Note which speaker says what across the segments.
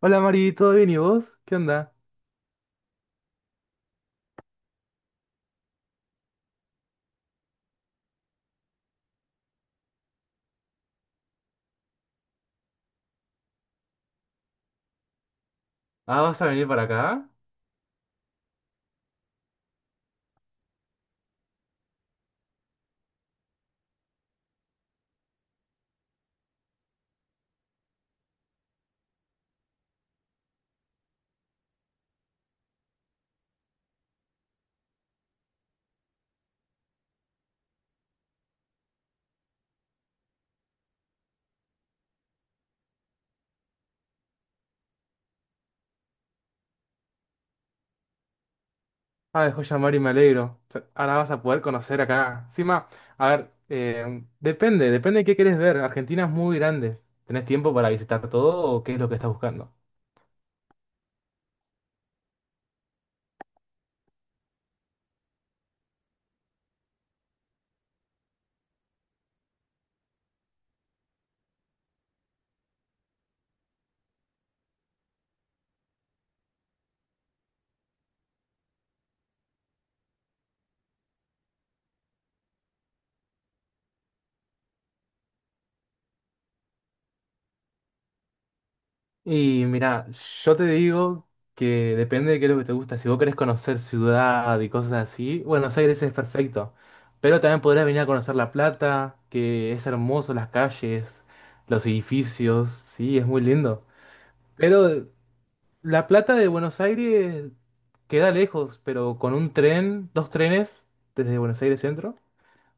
Speaker 1: Hola Mari, ¿todo bien y vos? ¿Qué onda? Ah, ¿vas a venir para acá? Ah, joya Mari, me alegro. O sea, ahora vas a poder conocer acá. Encima, a ver, depende de qué querés ver. Argentina es muy grande. ¿Tenés tiempo para visitar todo o qué es lo que estás buscando? Y mira, yo te digo que depende de qué es lo que te gusta. Si vos querés conocer ciudad y cosas así, Buenos Aires es perfecto. Pero también podrás venir a conocer La Plata, que es hermoso, las calles, los edificios, sí, es muy lindo. Pero La Plata de Buenos Aires queda lejos, pero con un tren, dos trenes desde Buenos Aires Centro,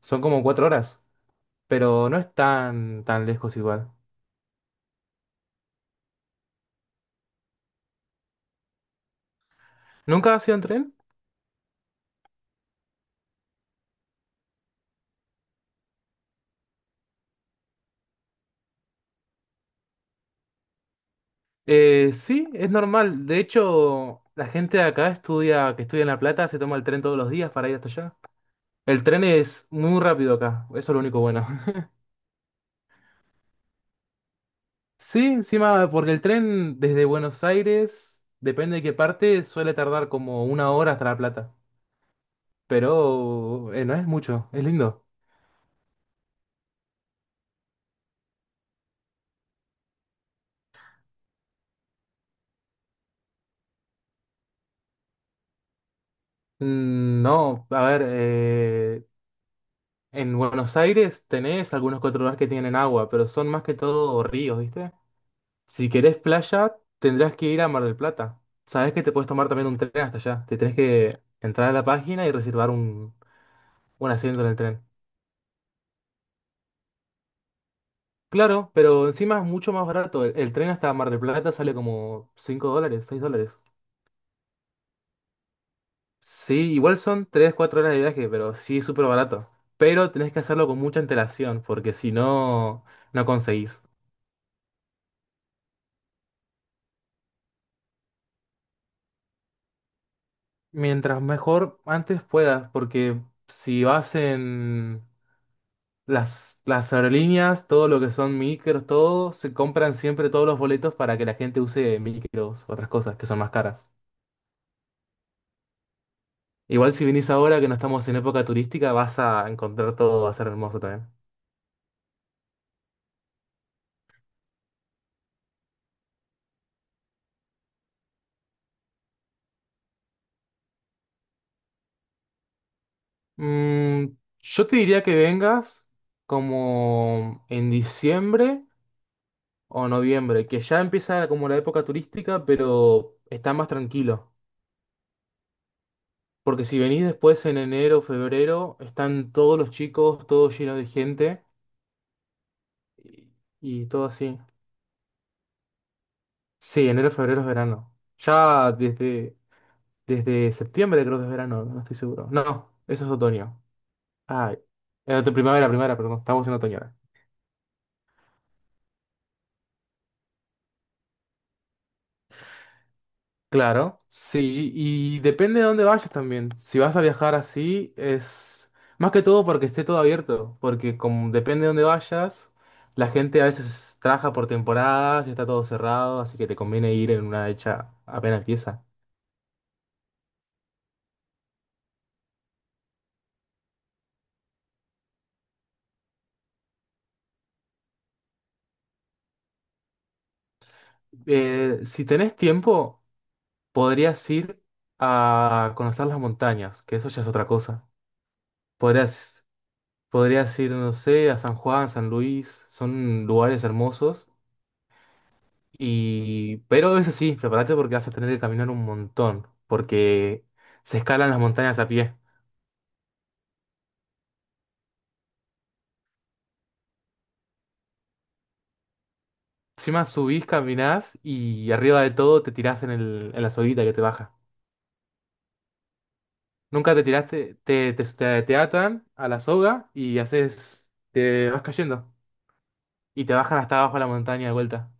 Speaker 1: son como 4 horas, pero no es tan lejos igual. ¿Nunca has ido en tren? Sí, es normal. De hecho, la gente de acá estudia, que estudia en La Plata, se toma el tren todos los días para ir hasta allá. El tren es muy rápido acá, eso es lo único bueno. Sí, encima, porque el tren desde Buenos Aires, depende de qué parte, suele tardar como una hora hasta La Plata. Pero no es mucho, es lindo. Mm, no, a ver, en Buenos Aires tenés algunos cuatro lugares que tienen agua, pero son más que todo ríos, ¿viste? Si querés playa, tendrás que ir a Mar del Plata. Sabés que te puedes tomar también un tren hasta allá. Te tenés que entrar a la página y reservar un asiento en el tren. Claro, pero encima es mucho más barato. El tren hasta Mar del Plata sale como $5, $6. Sí, igual son 3 4 horas de viaje, pero sí es súper barato. Pero tenés que hacerlo con mucha antelación, porque si no, no conseguís. Mientras mejor antes puedas, porque si vas en las aerolíneas, todo lo que son micros, todo, se compran siempre todos los boletos para que la gente use micros, otras cosas que son más caras. Igual si vinís ahora que no estamos en época turística, vas a encontrar todo, va a ser hermoso también. Mm, yo te diría que vengas como en diciembre o noviembre, que ya empieza como la época turística, pero está más tranquilo. Porque si venís después en enero o febrero, están todos los chicos, todo lleno de gente y, y todo así. Sí, enero, febrero es verano. Ya desde septiembre creo que es verano, no estoy seguro. No, eso es otoño. Ah, primavera, primavera, perdón, estamos en otoño. Claro, sí, y depende de dónde vayas también. Si vas a viajar así, es más que todo porque esté todo abierto, porque como depende de dónde vayas, la gente a veces trabaja por temporadas y está todo cerrado, así que te conviene ir en una hecha apenas pieza. Si tenés tiempo, podrías ir a conocer las montañas, que eso ya es otra cosa. Podrías, podrías ir, no sé, a San Juan, San Luis, son lugares hermosos. Y, pero eso sí, prepárate porque vas a tener que caminar un montón, porque se escalan las montañas a pie. Encima subís, caminás y arriba de todo te tirás en el, en la soguita que te baja. Nunca te tiraste, te atan a la soga y haces, te vas cayendo y te bajan hasta abajo de la montaña de vuelta.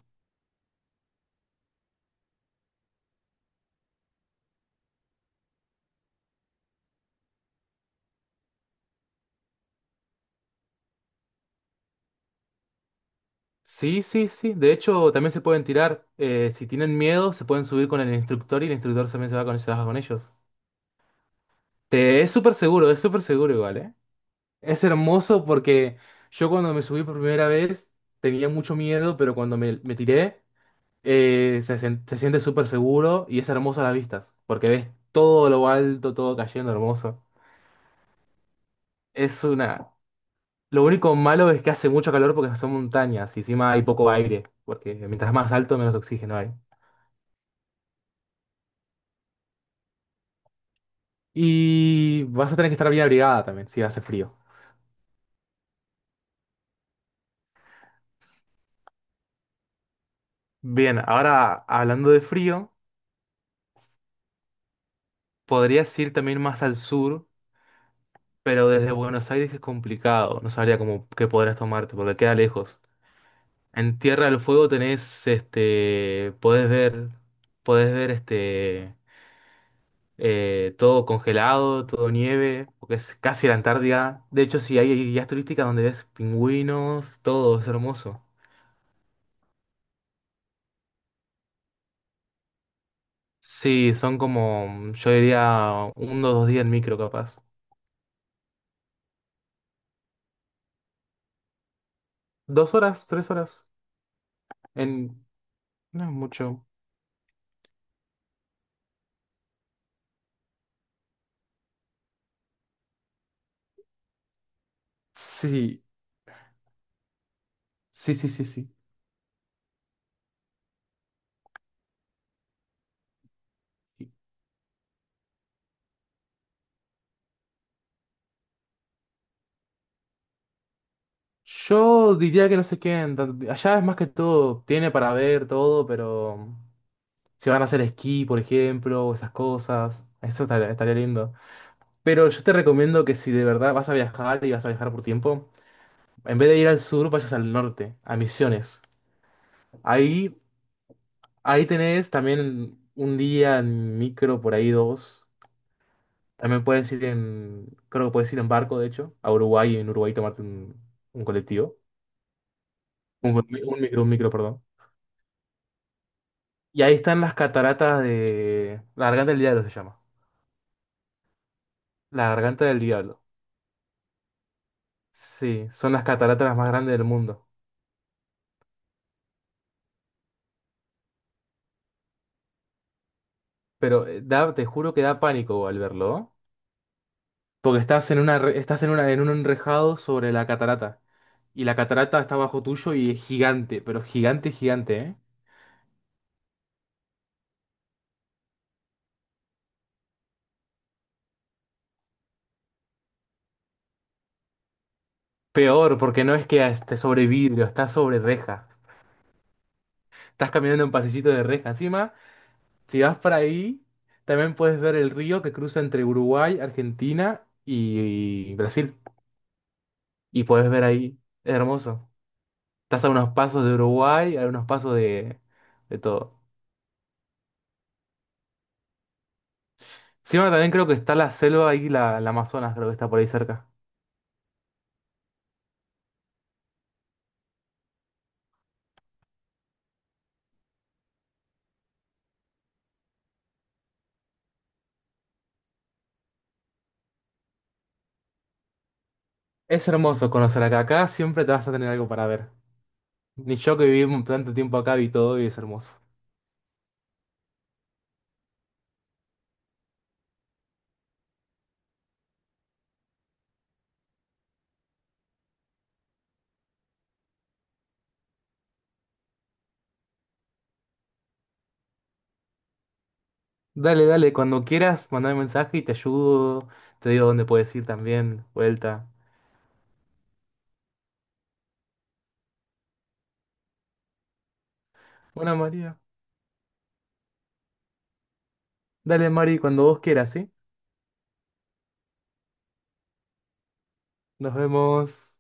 Speaker 1: Sí, sí, sí. De hecho, también se pueden tirar. Si tienen miedo, se pueden subir con el instructor y el instructor también se va con, se baja con ellos. Es súper seguro, es súper seguro igual, ¿eh? Es hermoso porque yo cuando me subí por primera vez tenía mucho miedo, pero cuando me tiré se siente súper seguro y es hermoso a las vistas, porque ves todo lo alto, todo cayendo hermoso. Es una... Lo único malo es que hace mucho calor porque son montañas y encima hay poco aire, porque mientras más alto menos oxígeno hay. Y vas a tener que estar bien abrigada también si hace frío. Bien, ahora hablando de frío, podrías ir también más al sur. Pero desde Buenos Aires es complicado, no sabría cómo qué podrás tomarte porque queda lejos. En Tierra del Fuego tenés, este, podés ver este, todo congelado, todo nieve, porque es casi la Antártida. De hecho, sí, hay guías turísticas donde ves pingüinos, todo, es hermoso. Sí, son como, yo diría, 1 o 2 días en micro capaz. 2 horas, 3 horas, en, no es mucho. Sí, sí, sí, sí, sí. Yo diría que no se queden. Allá es más que todo, tiene para ver todo, pero si van a hacer esquí, por ejemplo, o esas cosas, eso estaría lindo. Pero yo te recomiendo que si de verdad vas a viajar y vas a viajar por tiempo, en vez de ir al sur, vayas al norte, a Misiones. Ahí, ahí tenés también un día en micro, por ahí dos. También puedes ir en, creo que puedes ir en barco, de hecho, a Uruguay y en Uruguay tomarte un colectivo. Un micro, perdón. Y ahí están las cataratas de... La Garganta del Diablo se llama. La Garganta del Diablo. Sí, son las cataratas las más grandes del mundo. Pero te juro que da pánico al verlo, ¿no? Porque estás en una, en un enrejado sobre la catarata. Y la catarata está bajo tuyo y es gigante, pero gigante, gigante, ¿eh? Peor, porque no es que esté sobre vidrio, está sobre reja. Estás caminando en pasillito de reja. Encima, si vas para ahí, también puedes ver el río que cruza entre Uruguay, Argentina y Brasil. Y puedes ver ahí. Es hermoso. Estás a unos pasos de Uruguay, a unos pasos de todo. Encima también creo que está la selva ahí, la Amazonas, creo que está por ahí cerca. Es hermoso conocer acá. Acá siempre te vas a tener algo para ver. Ni yo que viví tanto tiempo acá vi todo y es hermoso. Dale, dale, cuando quieras, mandame mensaje y te ayudo. Te digo dónde puedes ir también, vuelta. Bueno, María. Dale, Mari, cuando vos quieras, ¿sí? Nos vemos.